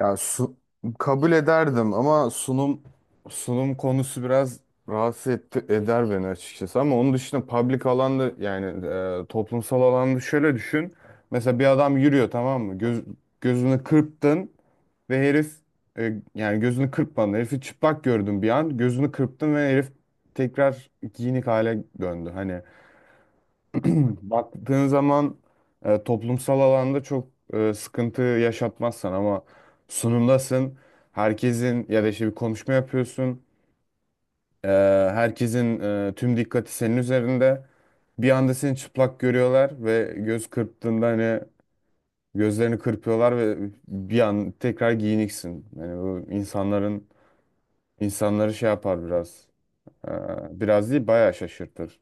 Ya kabul ederdim ama sunum konusu biraz rahatsız eder beni açıkçası. Ama onun dışında public alanda yani toplumsal alanda şöyle düşün. Mesela bir adam yürüyor, tamam mı? Gözünü kırptın ve herif, yani gözünü kırpmadın. Herifi çıplak gördün bir an. Gözünü kırptın ve herif tekrar giyinik hale döndü. Hani baktığın zaman toplumsal alanda çok sıkıntı yaşatmazsan ama sunumdasın. Herkesin ya da işte bir konuşma yapıyorsun. E, Herkesin tüm dikkati senin üzerinde. Bir anda seni çıplak görüyorlar ve göz kırptığında, hani, gözlerini kırpıyorlar ve bir an tekrar giyiniksin. Yani bu insanları şey yapar biraz. E, Biraz değil, bayağı şaşırtır.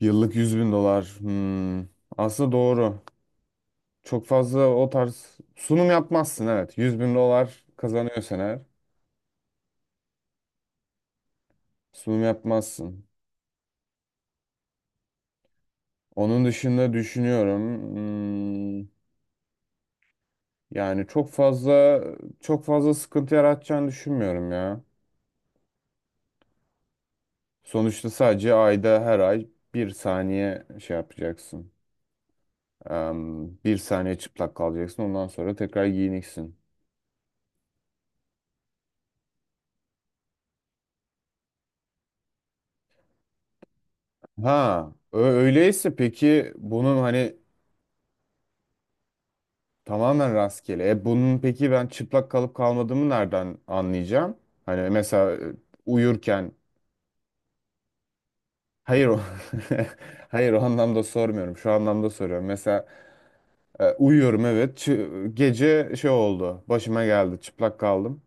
Yıllık 100 bin dolar. Aslında doğru. Çok fazla o tarz sunum yapmazsın, evet. 100 bin dolar kazanıyorsan eğer sunum yapmazsın. Onun dışında düşünüyorum. Yani çok fazla sıkıntı yaratacağını düşünmüyorum ya. Sonuçta sadece her ay bir saniye şey yapacaksın. Bir saniye çıplak kalacaksın. Ondan sonra tekrar giyineceksin. Ha, öyleyse peki bunun hani. Tamamen rastgele. E, bunun peki ben çıplak kalıp kalmadığımı nereden anlayacağım? Hani mesela, e, uyurken hayır o hayır, o anlamda sormuyorum. Şu anlamda soruyorum. Mesela, uyuyorum, evet. Gece şey oldu. Başıma geldi. Çıplak kaldım.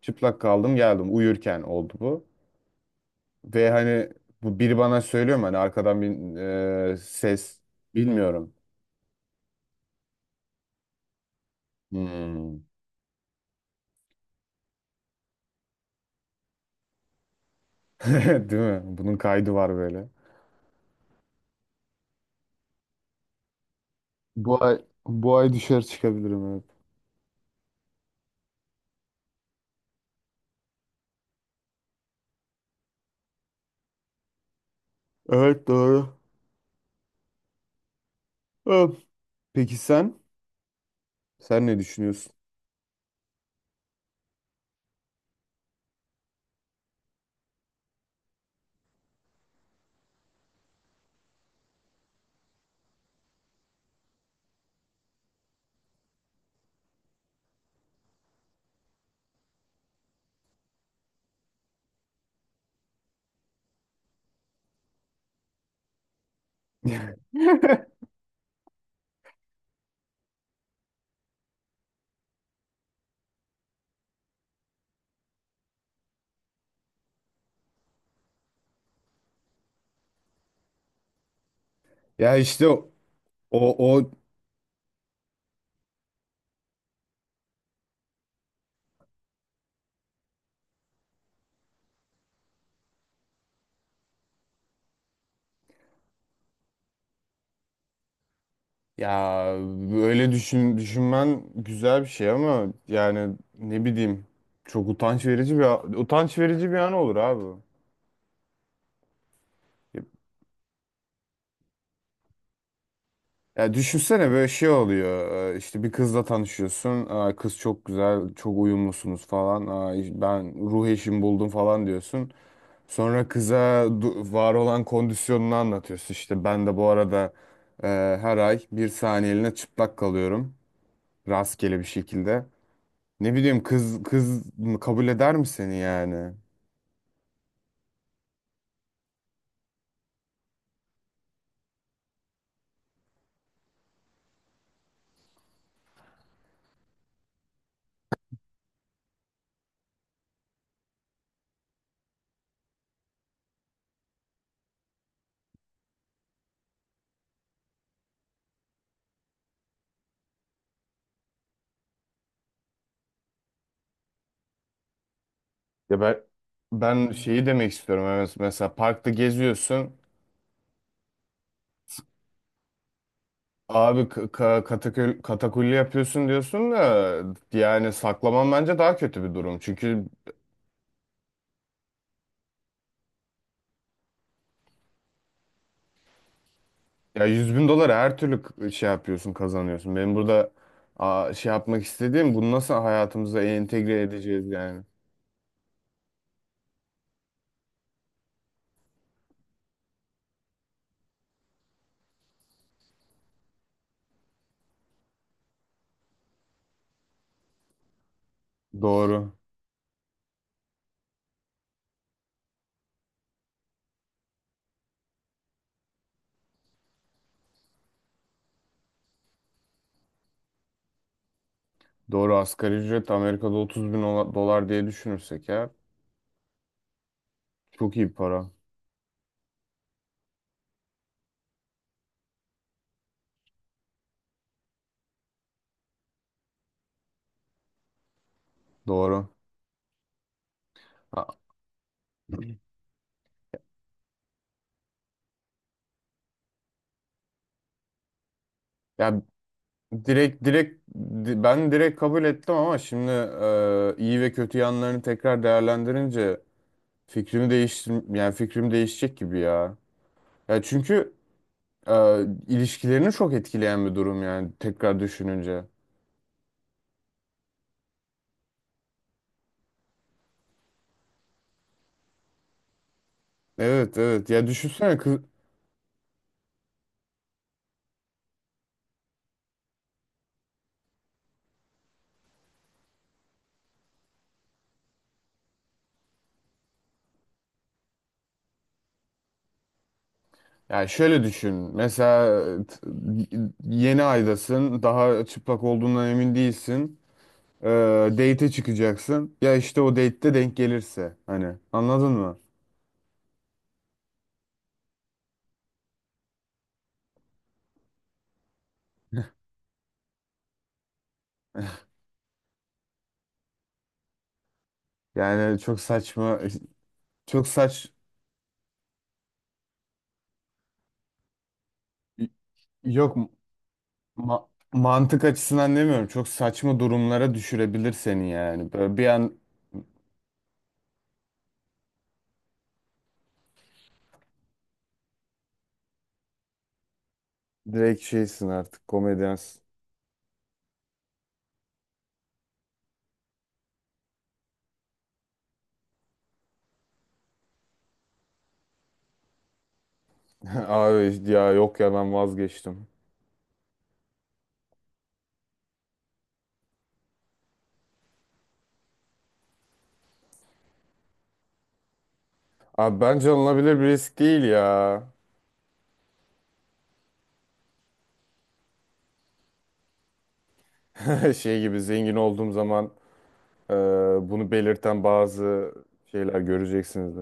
Çıplak kaldım, geldim. Uyurken oldu bu. Ve hani bu, biri bana söylüyor mu? Hani arkadan bir, ses. Bilmiyorum. Hmm. Değil mi? Bunun kaydı var böyle. Bu ay bu ay düşer, çıkabilirim, evet. Evet, doğru. Öf. Peki sen? Sen ne düşünüyorsun? Ya işte o, ya öyle düşünmen güzel bir şey ama yani ne bileyim, çok utanç verici bir an olur, abi. Ya düşünsene, böyle şey oluyor. İşte bir kızla tanışıyorsun. Aa, kız çok güzel, çok uyumlusunuz falan. Aa, ben ruh eşimi buldum falan diyorsun. Sonra kıza var olan kondisyonunu anlatıyorsun. İşte ben de bu arada, e, her ay bir saniyeliğine çıplak kalıyorum. Rastgele bir şekilde. Ne bileyim, kız kabul eder mi seni yani? Ya, ben şeyi demek istiyorum. Evet, mesela parkta geziyorsun. Abi, katakulli yapıyorsun diyorsun da, yani saklamam bence daha kötü bir durum. Çünkü... Ya, 100 bin dolara her türlü şey yapıyorsun, kazanıyorsun. Benim burada, aa, şey yapmak istediğim, bunu nasıl hayatımıza entegre edeceğiz yani. Doğru. Doğru, asgari ücret Amerika'da 30 bin dolar diye düşünürsek ya. Çok iyi bir para. Doğru. Ha. Ya, direkt direkt ben direkt kabul ettim ama şimdi, iyi ve kötü yanlarını tekrar değerlendirince, fikrimi değiştir yani fikrim değişecek gibi ya. Ya çünkü... ilişkilerini çok etkileyen bir durum yani, tekrar düşününce. Evet, evet, ya düşünsene kız, ya şöyle düşün. Mesela yeni aydasın, daha çıplak olduğundan emin değilsin, ee, date'e çıkacaksın, ya işte o date'te denk gelirse, hani, anladın mı? Yani çok saçma, çok saç yok, mantık açısından demiyorum, çok saçma durumlara düşürebilir seni yani. Böyle bir an... Direkt şeysin artık, komedyansın. Abi ya, yok ya, ben vazgeçtim. Abi, bence alınabilir bir risk değil ya. Şey gibi, zengin olduğum zaman, e, bunu belirten bazı şeyler göreceksiniz.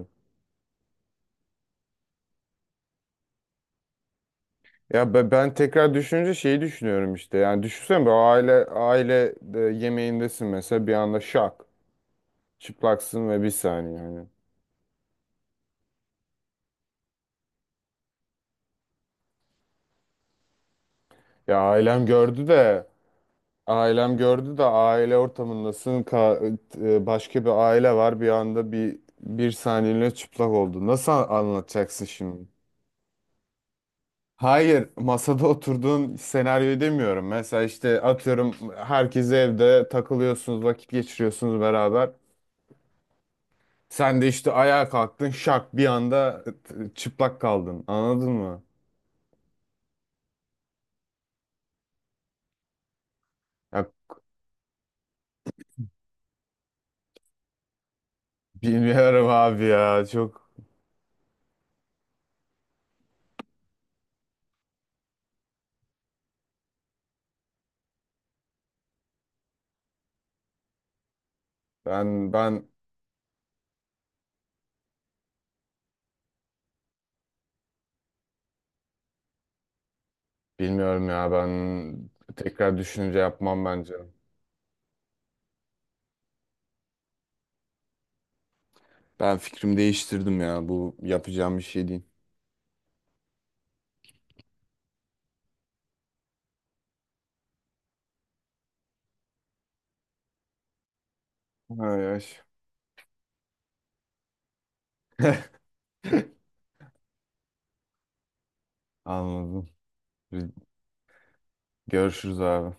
Ya, ben, tekrar düşününce, şeyi düşünüyorum işte. Yani düşünsene, bir aile de yemeğindesin mesela, bir anda şak, çıplaksın ve bir saniye, hani. Ya ailem gördü de... Ailem gördü de aile ortamındasın. Başka bir aile var. Bir anda bir saniyeliğine çıplak oldu. Nasıl anlatacaksın şimdi? Hayır, masada oturduğun senaryoyu demiyorum. Mesela işte atıyorum, herkes evde takılıyorsunuz, vakit geçiriyorsunuz beraber. Sen de işte ayağa kalktın, şak, bir anda çıplak kaldın. Anladın mı? Ya bilmiyorum abi ya. Çok ben ben bilmiyorum ya. Ben tekrar düşünce yapmam bence. Ben fikrimi değiştirdim ya. Bu yapacağım bir şey değil. Ay, ay. Anladım. Görüşürüz abi.